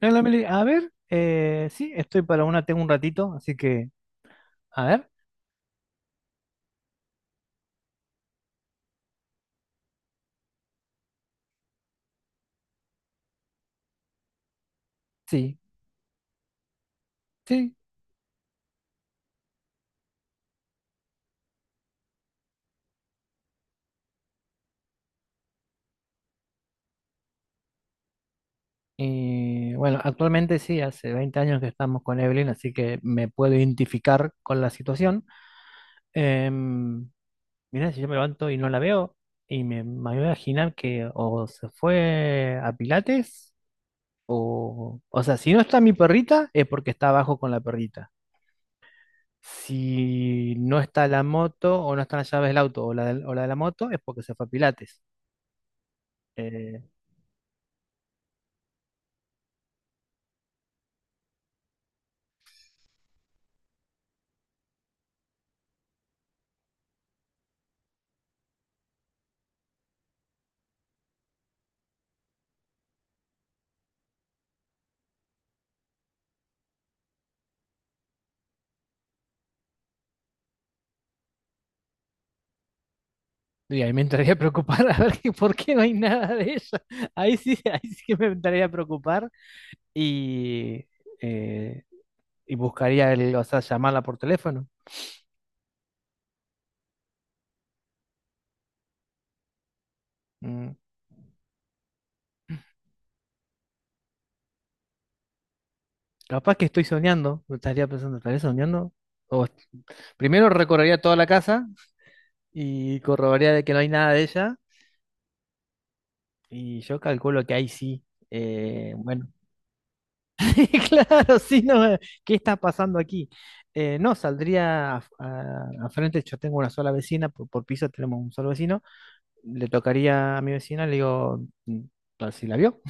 Hola, Meli. A ver, sí, estoy para una, tengo un ratito, así que, a ver, sí, sí. Y bueno, actualmente sí, hace 20 años que estamos con Evelyn, así que me puedo identificar con la situación. Em, Mirá, si yo me levanto y no la veo, y me voy a imaginar que o se fue a Pilates, o sea, si no está mi perrita, es porque está abajo con la perrita. Si no está la moto, o no están las llaves del auto, o la de la moto, es porque se fue a Pilates. Eh, y ahí me entraría a preocupar a ver que, por qué no hay nada de eso. Ahí sí, ahí sí que me entraría a preocupar y, eh, y buscaría o sea, llamarla por teléfono. Mm. Capaz que estoy soñando, me estaría pensando, ¿estaré soñando? O- Primero recorrería toda la casa y corroboraría de que no hay nada de ella. Y yo calculo que ahí sí. Bueno, claro, sí, no, ¿qué está pasando aquí? No, saldría a, a frente. Yo tengo una sola vecina, por piso tenemos un solo vecino, le tocaría a mi vecina, le digo, a ver si la vio.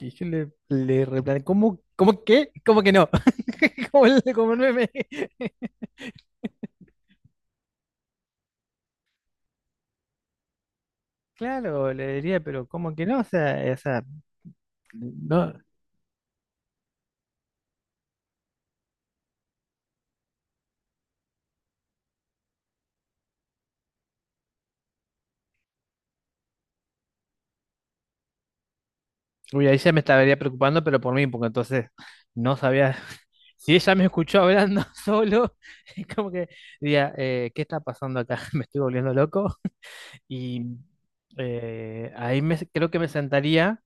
Y yo ¿cómo, cómo qué? ¿Cómo que no? Como el meme. Claro, le diría, pero ¿cómo que no? O sea, no. Uy, ahí ya me estaría preocupando, pero por mí, porque entonces no sabía. Si ella me escuchó hablando solo, es como que diría, ¿qué está pasando acá? Me estoy volviendo loco. Y ahí creo que me sentaría,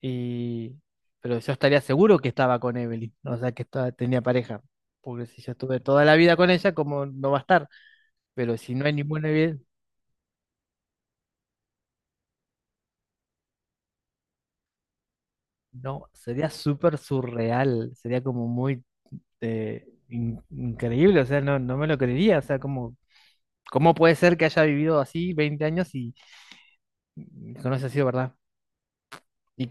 y, pero yo estaría seguro que estaba con Evelyn, o sea, que tenía pareja. Porque si yo estuve toda la vida con ella, como no va a estar. Pero si no hay ninguna evidencia, no, sería súper surreal, sería como muy increíble, o sea, no, no me lo creería, o sea, ¿cómo puede ser que haya vivido así 20 años y que no haya sido verdad? Y,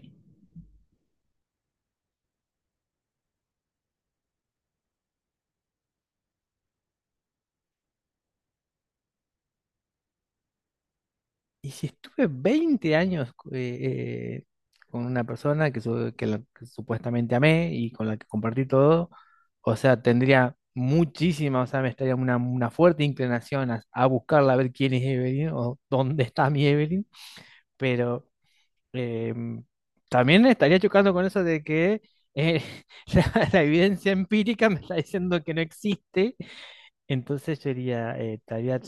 y si estuve 20 años eh, con una persona que supuestamente amé y con la que compartí todo, o sea, tendría muchísima, o sea, me estaría una fuerte inclinación a buscarla, a ver quién es Evelyn o dónde está mi Evelyn, pero Eh, también estaría chocando con eso de que eh, la evidencia empírica me está diciendo que no existe, entonces yo diría,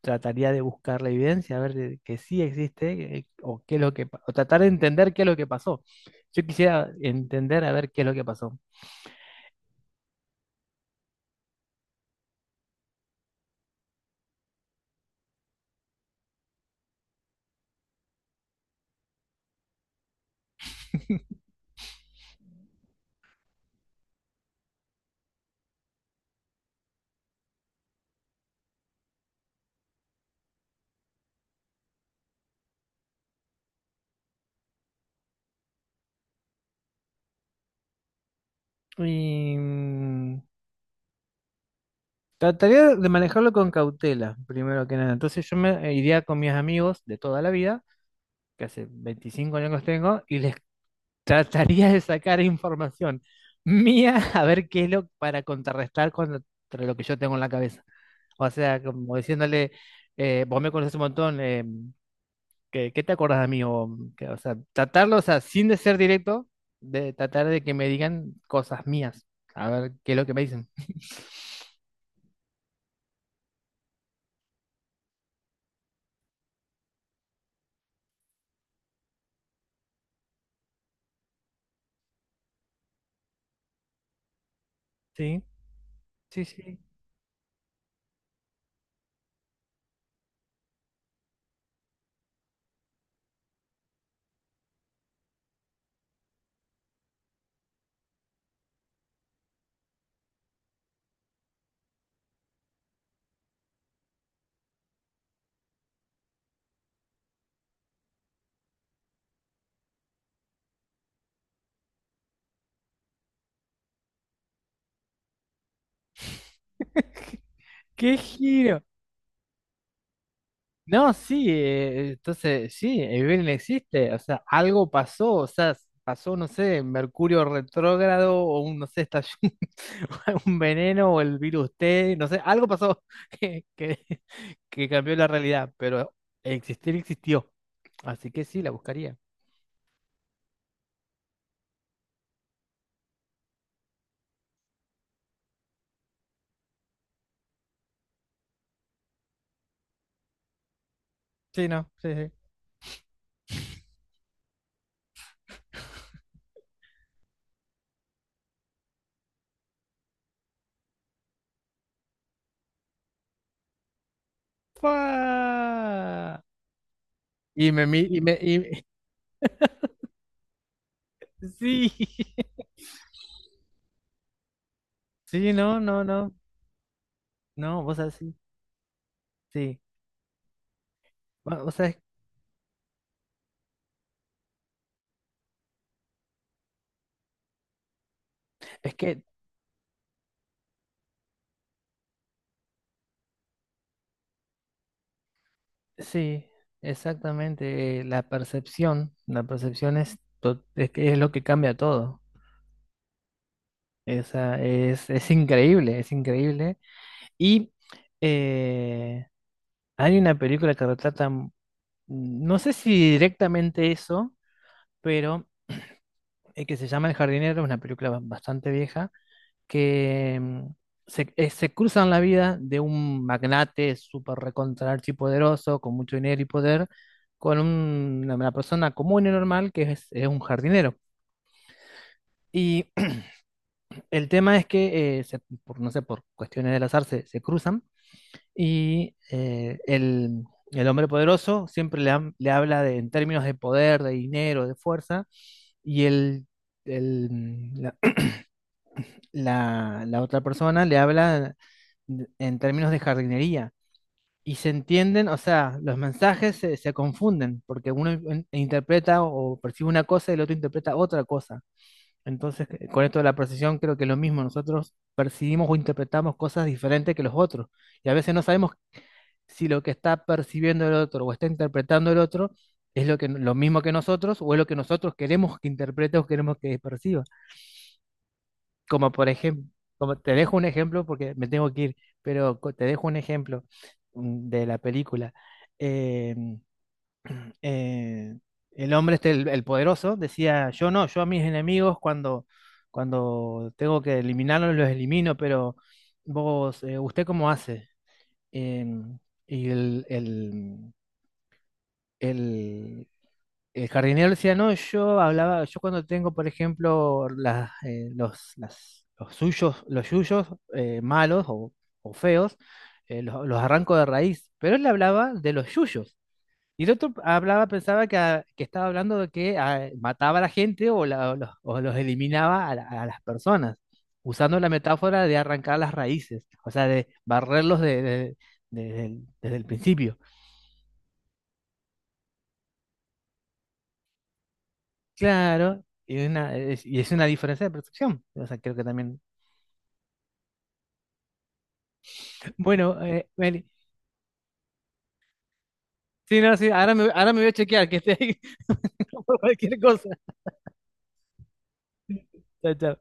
trataría de buscar la evidencia, a ver que sí existe, o qué es lo que, o tratar de entender qué es lo que pasó. Yo quisiera entender a ver qué es lo que pasó. Y trataría de manejarlo con cautela, primero que nada. Entonces yo me iría con mis amigos de toda la vida, que hace 25 años que los tengo, y les trataría de sacar información mía a ver qué es lo para contrarrestar contra lo que yo tengo en la cabeza. O sea, como diciéndole, vos me conoces un montón, ¿qué te acordás de mí? O sea, tratarlo, o sea, sin de ser directo, de tratar de que me digan cosas mías. A ver qué es lo que me dicen. Sí, sí, sí. ¡Qué giro! No, sí, entonces sí, Evelyn existe, o sea, algo pasó, o sea, pasó, no sé, Mercurio retrógrado o un, no sé, estalló un veneno o el virus T, no sé, algo pasó que, que cambió la realidad, pero existir existió, así que sí, la buscaría. Sí, no, sí, sí. ¡Fua! Y me, mi- y me- sí, sí, no, no, no, no, vos así, sí, sí. Bueno, o sea, es que. Sí, exactamente. La percepción es, que es lo que cambia todo. Esa es increíble, es increíble. Y eh, hay una película que retrata, no sé si directamente eso, pero que se llama El jardinero, una película bastante vieja, que se cruzan la vida de un magnate súper recontra archipoderoso, con mucho dinero y poder, con una persona común y normal que es un jardinero. Y el tema es que, por, no sé, por cuestiones del azar se cruzan y el hombre poderoso siempre le habla de, en términos de poder, de dinero, de fuerza, y el, mm, la, la otra persona le habla en términos de jardinería. Y se entienden, o sea, los mensajes se confunden, porque uno interpreta o percibe una cosa y el otro interpreta otra cosa. Entonces, con esto de la percepción creo que es lo mismo, nosotros percibimos o interpretamos cosas diferentes que los otros, y a veces no sabemos si lo que está percibiendo el otro o está interpretando el otro es lo mismo que nosotros o es lo que nosotros queremos que interprete o queremos que perciba. Como por ejemplo, Como te dejo un ejemplo porque me tengo que ir, pero te dejo un ejemplo de la película. Eh, eh, el hombre este, el poderoso, decía, yo no, yo a mis enemigos cuando tengo que eliminarlos, los elimino, pero ¿usted cómo hace? Em, y el el jardinero le decía, no, yo hablaba, yo cuando tengo, por ejemplo, las, los, las- los suyos, los yuyos malos o feos, los arranco de raíz. Pero él hablaba de los yuyos. Y el otro pensaba que estaba hablando de que mataba a la gente o los eliminaba a las personas, usando la metáfora de arrancar las raíces, o sea, de barrerlos de- desde desde el principio. Claro, y es una diferencia de percepción. O sea, creo que también. Bueno, Meli. Sí, no, sí, ahora me voy a chequear que esté ahí por cualquier cosa. Chao, chao.